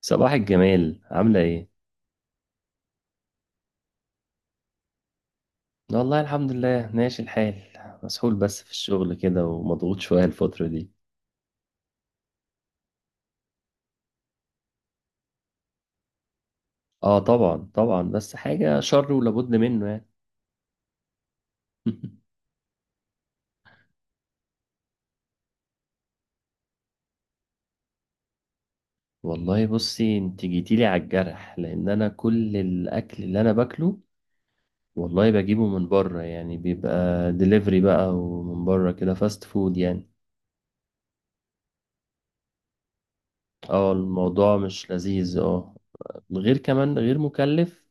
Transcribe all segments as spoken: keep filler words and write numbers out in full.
صباح الجمال عاملة ايه؟ والله الحمد لله ماشي الحال، مسحول بس في الشغل كده ومضغوط شوية الفترة دي. اه، طبعا طبعا، بس حاجة شر ولابد منه يعني. والله بصي، انت جيتيلي على الجرح، لان انا كل الاكل اللي انا باكله والله بجيبه من بره، يعني بيبقى دليفري بقى، ومن بره كده فاست فود يعني. اه، الموضوع مش لذيذ، اه. غير كمان، غير مكلف.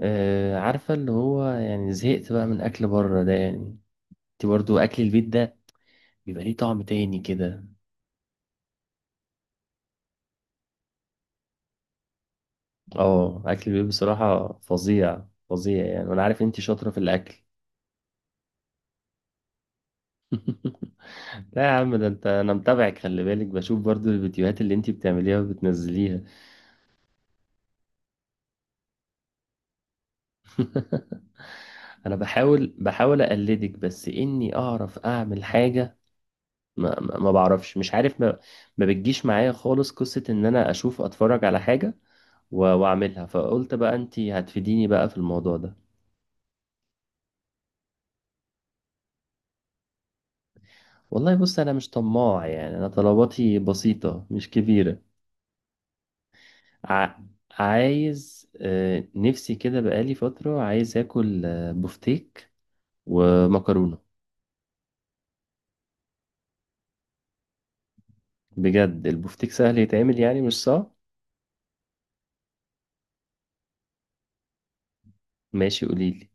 آه، عارفة اللي هو يعني زهقت بقى من أكل بره ده يعني. انت برضو اكل البيت ده بيبقى ليه طعم تاني كده. اه، اكل البيت بصراحة فظيع فظيع يعني، وانا عارف انت شاطرة في الاكل. لا يا عم، ده انت انا متابعك، خلي بالك، بشوف برضو الفيديوهات اللي انت بتعمليها وبتنزليها. انا بحاول بحاول اقلدك بس اني اعرف اعمل حاجة. ما, ما ما بعرفش، مش عارف ما, ما بتجيش معايا خالص قصة ان انا اشوف اتفرج على حاجة و- واعملها، فقلت بقى انت هتفيديني بقى في الموضوع ده. والله بص، انا مش طماع يعني، انا طلباتي بسيطة مش كبيرة. ع... عايز، آه، نفسي كده بقالي فترة، عايز اكل آه، بفتيك ومكرونة. بجد البفتيك سهل يتعمل يعني مش صعب. ماشي قوليلي.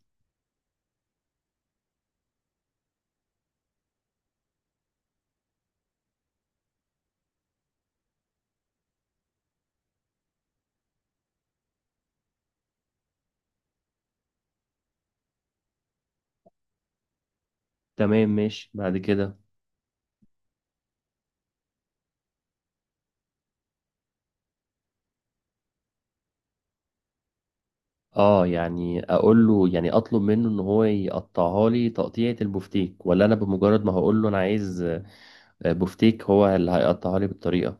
تمام ماشي بعد كده. اه، يعني اقول له يعني اطلب منه ان هو يقطعها لي تقطيعة البفتيك، ولا انا بمجرد ما هقول له انا عايز آه، بفتيك هو اللي هيقطعها لي بالطريقة؟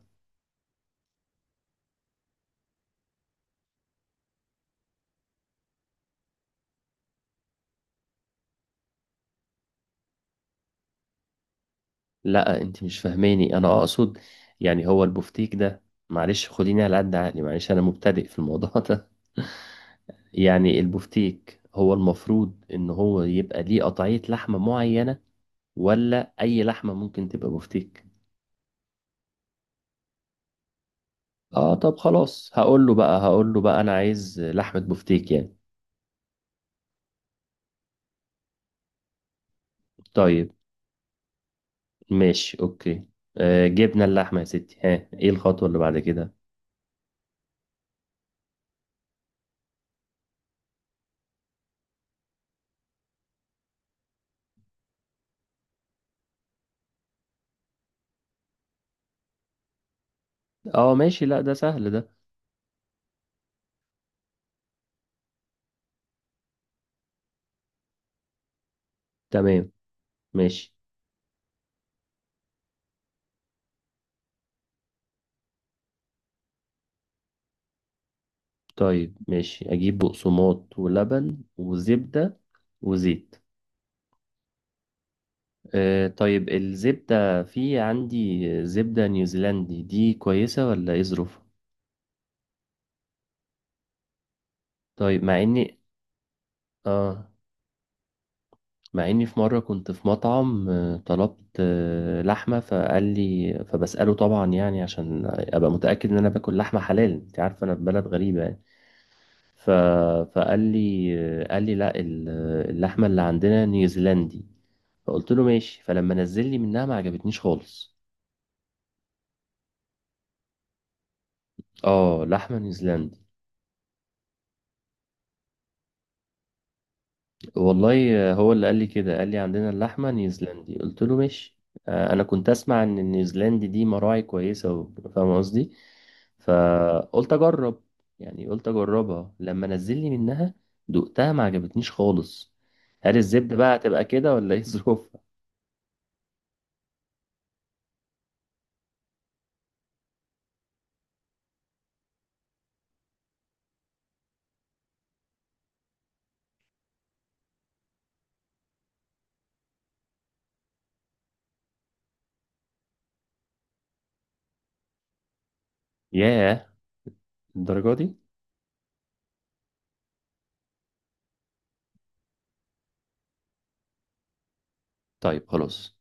لا، انت مش فاهماني. انا اقصد يعني هو البفتيك ده، معلش خديني على قد عقلي، معلش انا مبتدئ في الموضوع ده. يعني البفتيك هو المفروض ان هو يبقى ليه قطعية لحمة معينة، ولا اي لحمة ممكن تبقى بفتيك؟ اه طب خلاص، هقول له بقى هقول له بقى انا عايز لحمة بفتيك يعني. طيب ماشي اوكي. آه، جبنا اللحمة يا ستي، ها، ايه الخطوة اللي بعد كده؟ اه ماشي، لا ده سهل ده. تمام ماشي. طيب ماشي، اجيب بقسماط ولبن وزبدة وزيت. آه، طيب الزبدة، في عندي زبدة نيوزيلندي، دي كويسة ولا ايه ظروفها؟ طيب مع اني... اه، مع اني في مرة كنت في مطعم، آه، طلبت آه، لحمة، فقال لي، فبسأله طبعا يعني عشان ابقى متأكد ان انا باكل لحمة حلال، انت عارف انا في بلد غريبة يعني. ف... فقال لي، آه، قال لي لا، ال- اللحمة اللي عندنا نيوزيلندي. فقلت له ماشي، فلما نزل لي منها ما عجبتنيش خالص. اه، لحمة نيوزيلندي. والله آه، هو اللي قال لي كده، قال لي عندنا اللحمة نيوزيلندي، قلت له ماشي. آه، انا كنت اسمع ان النيوزيلندي دي مراعي كويسة و- فاهم قصدي، فقلت اجرب. يعني قلت اجربها، لما نزل لي منها دقتها ما عجبتنيش خالص. هل الزبدة بقى هتبقى كده، ولا ايه ظروفها؟ ياه، الدرجة دي؟ طيب خلاص.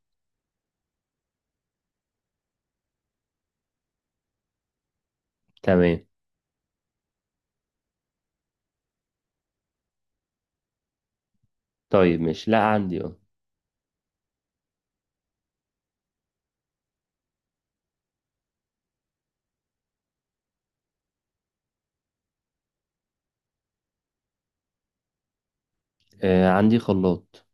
تمام. طيب مش، لا عندي، اه، آه، عندي خلاط.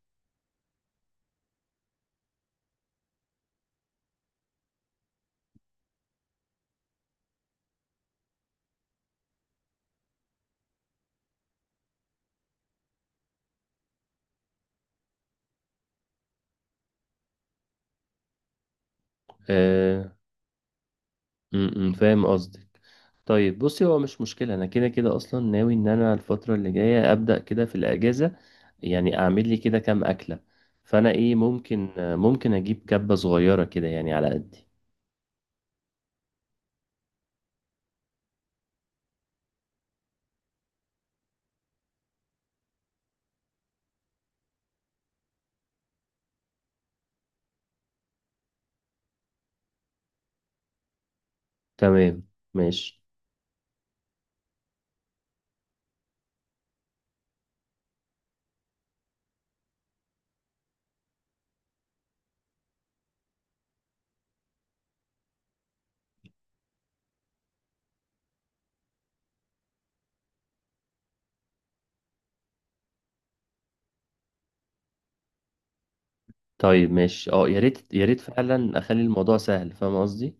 آه، امم فاهم قصدك. طيب بصي، هو مش مشكلة، أنا كده كده أصلا ناوي إن أنا الفترة اللي جاية أبدأ كده في الأجازة. يعني أعمل لي كده كام أكلة، فأنا إيه، ممكن ممكن أجيب كبة صغيرة كده يعني على قدي. تمام ماشي. طيب ماشي، أه يا ريت يا ريت فعلا أخلي الموضوع سهل، فاهم قصدي.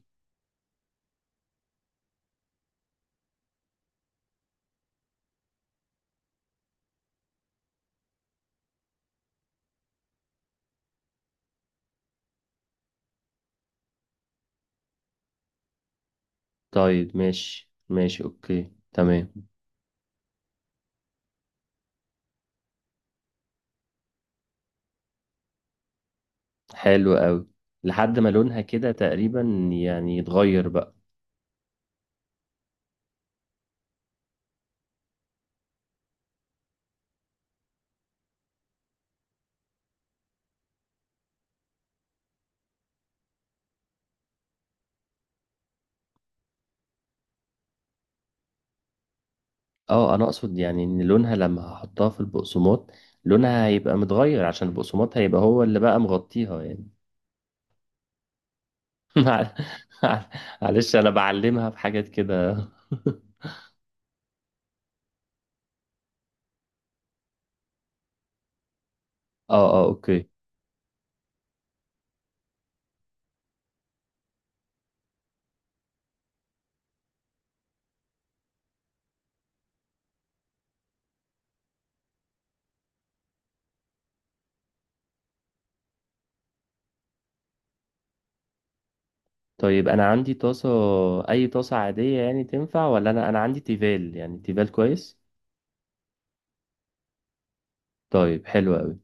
طيب ماشي ماشي، أوكي تمام. حلو أوي. لحد ما لونها كده تقريبا، يعني يتغير بقى. اه، انا اقصد يعني ان لونها لما هحطها في البقسماط لونها هيبقى متغير، عشان البقسماط هيبقى هو اللي بقى مغطيها يعني. مع- مع- معلش، انا بعلمها في حاجات كده. اه اه، اوكي. طيب انا عندي طاسة، اي طاسة عادية يعني تنفع، ولا انا انا عندي تيفال، يعني تيفال كويس؟ طيب حلو قوي.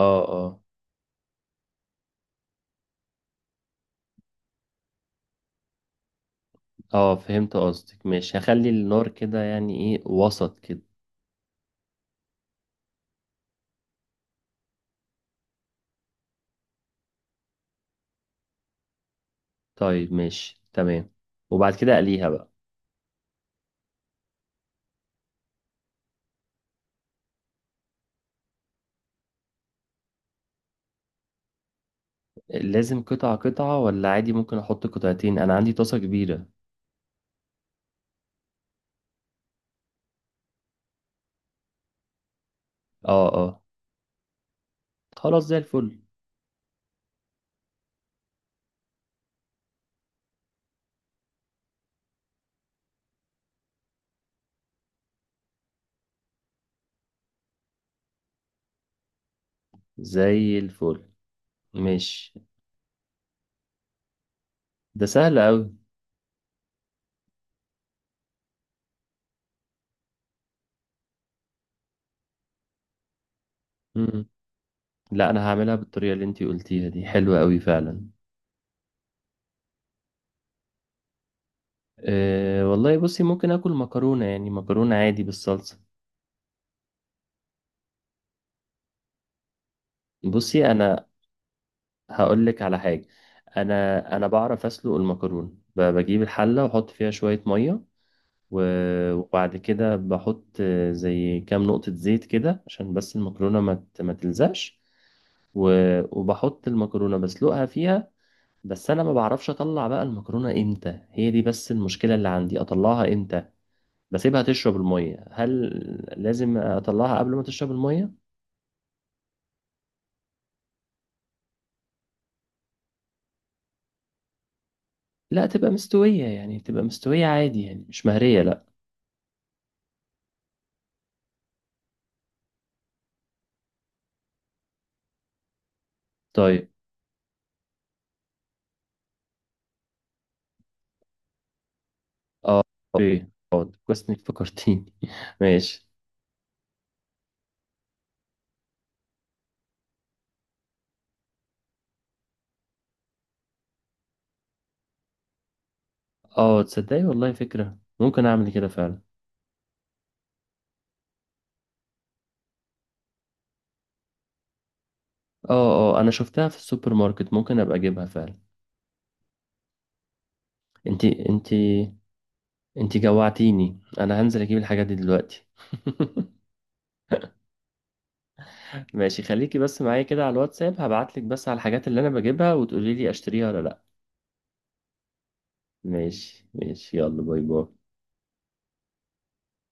اه اه اه، فهمت قصدك، ماشي هخلي النار كده يعني ايه، وسط كده. طيب ماشي تمام. وبعد كده اقليها بقى؟ لازم قطعة قطعة، ولا عادي ممكن احط قطعتين، انا عندي طاسة كبيرة. اه اه، خلاص زي الفل. زي الفل ماشي، ده سهل قوي. مم. لا، انا هعملها بالطريقة اللي انتي قلتيها دي، حلوة قوي فعلا. أه والله بصي، ممكن اكل مكرونة يعني، مكرونة عادي بالصلصة. بصي انا، هقولك على حاجة، انا انا بعرف اسلق المكرونة، ب- بجيب الحلة واحط فيها شوية مية و- وبعد كده بحط زي كام نقطة زيت كده، عشان بس المكرونة ما ت- ما تلزقش، و- وبحط المكرونة بسلقها فيها. بس انا ما بعرفش اطلع بقى المكرونة امتى، هي دي بس المشكلة اللي عندي، اطلعها امتى؟ بسيبها تشرب المية؟ هل لازم اطلعها قبل ما تشرب المية؟ لا تبقى مستوية يعني، تبقى مستوية عادي يعني، مش مهرية لا. طيب. اه اوكي. اه كويس انك فكرتيني. ماشي. اه، تصدقي والله فكرة، ممكن اعمل كده فعلا. اه اه، انا شفتها في السوبر ماركت، ممكن ابقى اجيبها فعلا. انتي، انتي انتي جوعتيني، انا هنزل اجيب الحاجات دي دلوقتي. ماشي، خليكي بس معايا كده على الواتساب، هبعتلك بس على الحاجات اللي انا بجيبها وتقولي لي اشتريها ولا لا. ماشي ماشي، يلا باي باي.